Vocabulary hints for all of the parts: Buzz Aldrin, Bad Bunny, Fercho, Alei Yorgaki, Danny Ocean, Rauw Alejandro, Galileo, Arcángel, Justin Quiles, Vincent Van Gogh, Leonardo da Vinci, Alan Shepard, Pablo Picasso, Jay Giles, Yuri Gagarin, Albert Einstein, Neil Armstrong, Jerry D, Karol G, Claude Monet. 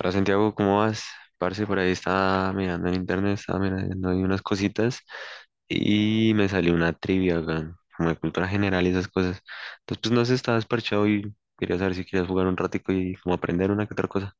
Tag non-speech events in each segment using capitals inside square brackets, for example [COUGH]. Hola Santiago, ¿cómo vas? Parce, por ahí estaba mirando en internet, estaba mirando ahí unas cositas y me salió una trivia, weón, como de cultura general y esas cosas. Entonces, pues no sé, estaba desparchado y quería saber si querías jugar un ratico y como aprender una que otra cosa.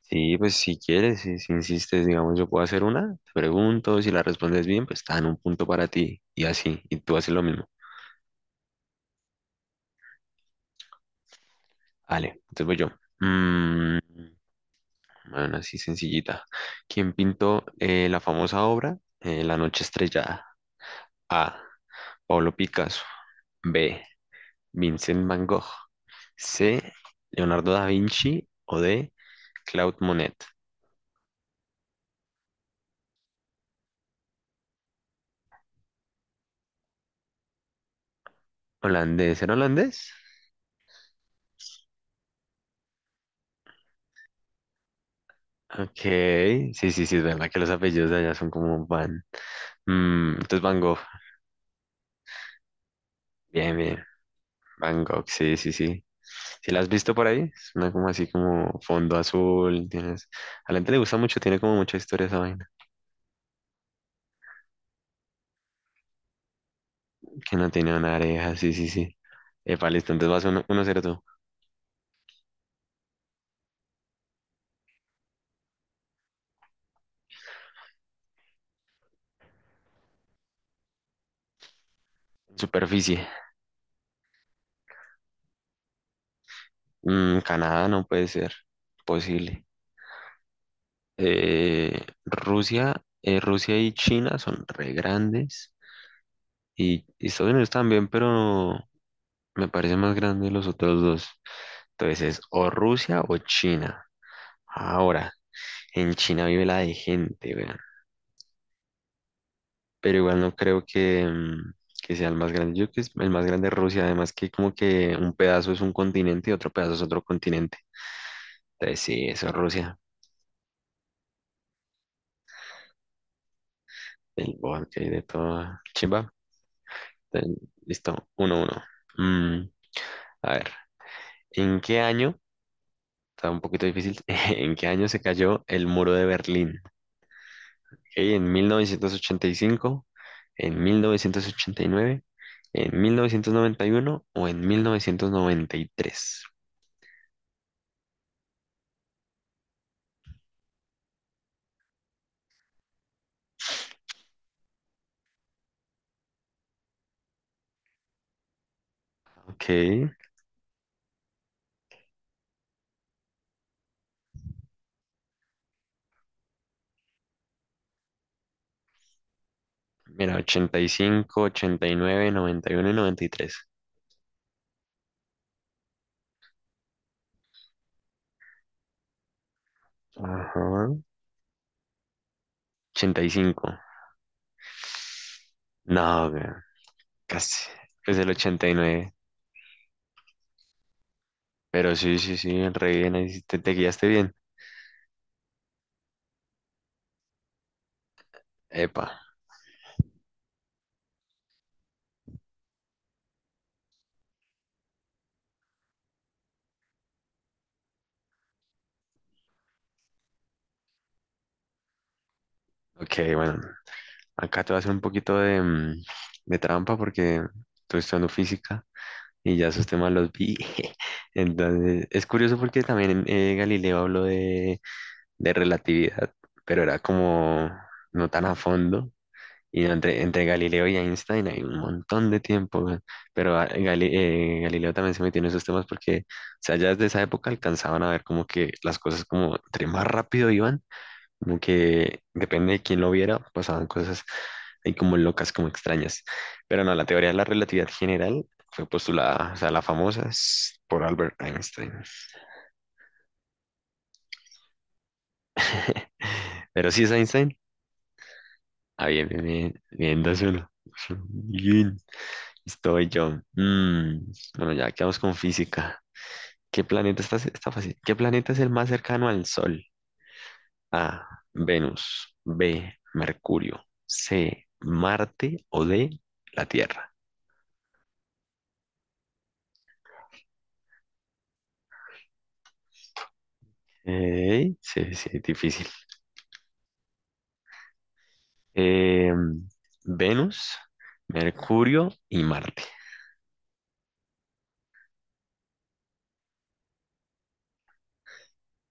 Sí, pues si quieres, si insistes, digamos, yo puedo hacer una, te pregunto, si la respondes bien, pues está en un punto para ti y así, y tú haces lo mismo. Vale, entonces voy yo. Mm, Bueno, así sencillita. ¿Quién pintó la famosa obra La noche estrellada? A. Pablo Picasso. B. Vincent Van Gogh. C. Leonardo da Vinci. O D. Claude Monet. ¿Holandés? ¿Era holandés? Ok. Sí, sí, sí, es verdad que los apellidos de allá son como Van. Entonces Van Gogh. Bien, bien. Van Gogh, sí, sí, sí. ¿Si la has visto por ahí? Es una como así como fondo azul. Tienes. A la gente le gusta mucho, tiene como mucha historia esa vaina. Que no tenía una areja, sí, sí, sí. Epa, listo, entonces vas uno, 1-0 tú. Superficie. Canadá no puede ser posible. Rusia y China son re grandes. Y Estados Unidos también, pero me parece más grande los otros dos. Entonces es o Rusia o China. Ahora, en China vive la de gente, weón. Pero igual no creo que, que sea el más grande. Yo creo que es el más grande de Rusia, además que como que un pedazo es un continente y otro pedazo es otro continente. Entonces sí, eso es Rusia, el bosque y de todo. Chimba. Entonces, listo, 1-1. Mm, a ver, ¿en qué año? Está un poquito difícil. [LAUGHS] ¿En qué año se cayó el muro de Berlín? Ok, ¿en 1985? ¿En 1989? ¿En 1991 o en 1993? Ok. Mira, ochenta y cinco, ochenta y nueve, noventa, noventa y uno y noventa y uno tres. Ajá. 85. No, güey, casi. Es el 89. Pero sí, sí, sí, re bien. Ahí sí te, guiaste bien. Epa. Ok, bueno. Acá te voy a hacer un poquito de, de trampa porque estoy estudiando física y ya esos temas los vi. [LAUGHS] Entonces, es curioso porque también Galileo habló de, relatividad, pero era como no tan a fondo. Y no, entre Galileo y Einstein hay un montón de tiempo, weón. Pero Galileo también se metió en esos temas porque, o sea, ya desde esa época alcanzaban a ver como que las cosas como entre más rápido iban, como que depende de quién lo viera, pasaban cosas ahí como locas, como extrañas. Pero no, la teoría de la relatividad general fue postulada, o sea, la famosa es por Albert Einstein. [LAUGHS] Pero sí es Einstein. Ah, bien, bien, bien, bien, 2-1. Bien. Estoy yo. Bueno, ya quedamos con física. ¿Qué planeta está fácil? ¿Qué planeta es el más cercano al Sol? A. Venus. B. Mercurio. C. Marte. O D. La Tierra. Ey, sí, sí, difícil. Em, Venus, Mercurio y Marte.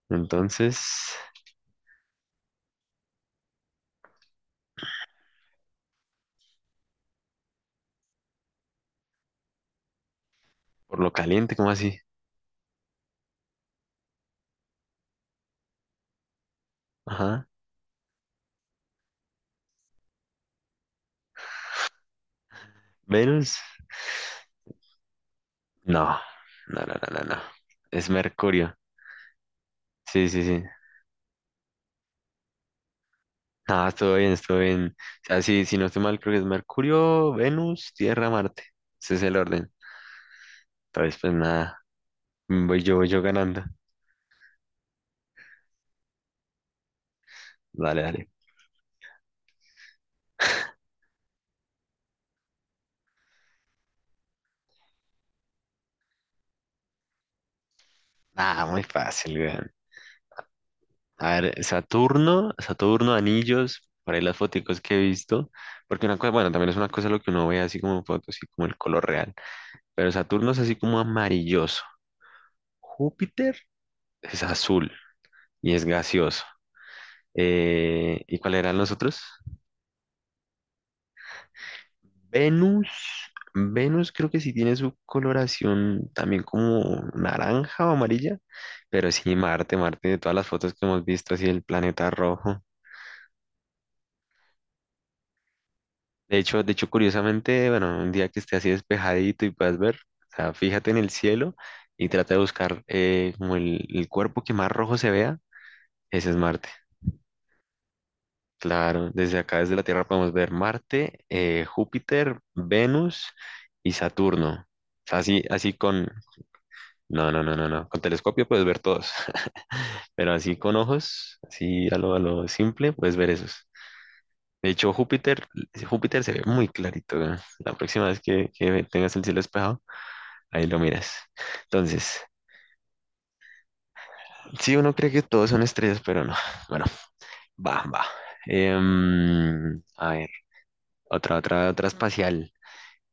Entonces, por lo caliente, ¿cómo así? Ajá. Venus. No, no, no, no, no, no. Es Mercurio. Sí, sí, sí. Ah, estuvo bien, estuvo bien. O sea, sí, si no estoy mal, creo que es Mercurio, Venus, Tierra, Marte. Ese es el orden. Entonces, pues nada, voy yo ganando. Dale, dale. Ah, muy fácil, weón. A ver, Saturno, Saturno, anillos, por ahí las foticos que he visto. Porque una cosa, bueno, también es una cosa lo que uno ve así como en fotos, así como el color real. Pero Saturno es así como amarilloso. Júpiter es azul y es gaseoso. ¿Y cuáles eran los otros? Venus, Venus creo que sí tiene su coloración también como naranja o amarilla, pero sí Marte, Marte de todas las fotos que hemos visto así el planeta rojo. De hecho curiosamente, bueno, un día que esté así despejadito y puedas ver, o sea, fíjate en el cielo y trata de buscar como el, cuerpo que más rojo se vea, ese es Marte. Claro, desde acá, desde la Tierra podemos ver Marte, Júpiter, Venus y Saturno. O sea, así, así con. No, no, no, no, no. Con telescopio puedes ver todos. [LAUGHS] Pero así con ojos, así a lo, simple, puedes ver esos. De hecho, Júpiter se ve muy clarito. ¿No? La próxima vez que tengas el cielo despejado, ahí lo miras. Entonces, sí, uno cree que todos son estrellas, pero no. Bueno, va, va. A ver, otra espacial.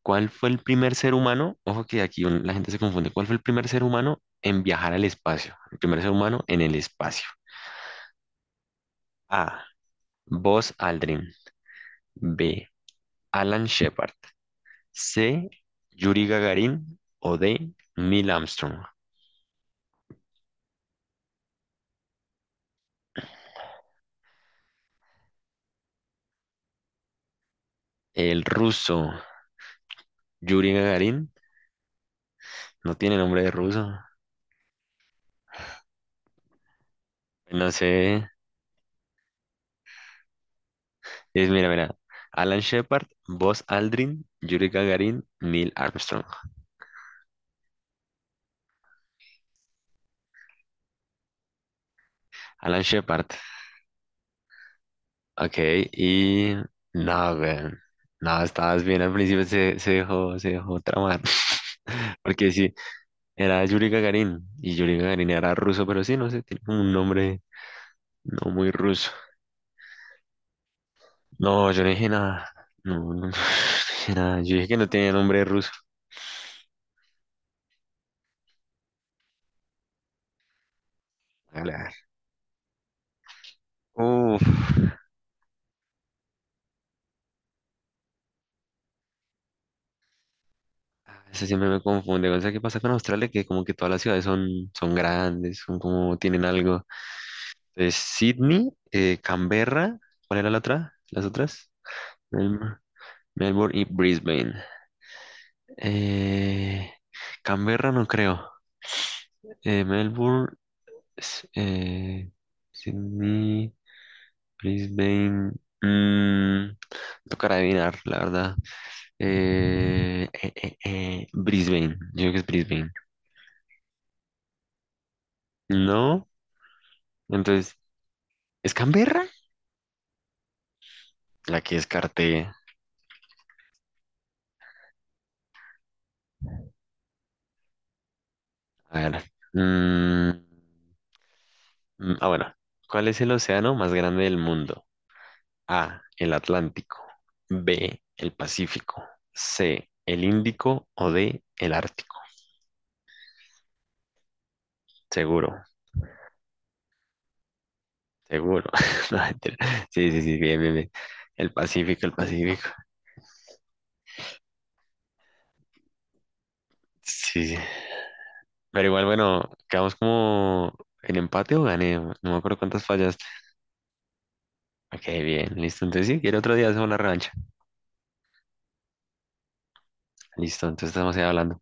¿Cuál fue el primer ser humano? Ojo que aquí la gente se confunde. ¿Cuál fue el primer ser humano en viajar al espacio? El primer ser humano en el espacio. A. Buzz Aldrin. B. Alan Shepard. C. Yuri Gagarin. O D. Neil Armstrong. El ruso Yuri Gagarin no tiene nombre de ruso. No sé. Mira, mira. Alan Shepard, Buzz Aldrin, Yuri Gagarin, Neil Armstrong. Alan Shepard. Ok, y. No, güey. No, estabas bien al principio, se dejó tramar. [LAUGHS] Porque sí, era Yuri Gagarin. Y Yuri Gagarin era ruso, pero sí, no sé, tiene como un nombre no muy ruso. No, yo no dije nada. No, no, no [LAUGHS] no dije nada. Yo dije que no tenía nombre ruso. Hágale, a ver. Uf. Eso siempre me confunde. O sea, ¿qué pasa con Australia? Que como que todas las ciudades son, grandes, son como tienen algo. Entonces, Sydney, Canberra, ¿cuál era la otra? ¿Las otras? Melbourne, Melbourne y Brisbane. Eh, Canberra no creo. Melbourne. S- eh, Sydney, Brisbane. mm, Tocará adivinar, la verdad. Brisbane, yo creo que es Brisbane. No, entonces, ¿es Canberra? La que descarté. A ver. mm, bueno. ¿Cuál es el océano más grande del mundo? A, el Atlántico. B, el Pacífico. C, el Índico o D, el Ártico. Seguro. Seguro. [LAUGHS] No, mentira. Sí, sí, sí, bien, bien, bien. El Pacífico, el Pacífico. Sí, sí. Pero igual, bueno, quedamos como en empate o gané. No me acuerdo cuántas fallaste. Ok, bien, listo. Entonces sí, quiero otro día hacer una revancha. Listo, entonces estamos ahí hablando.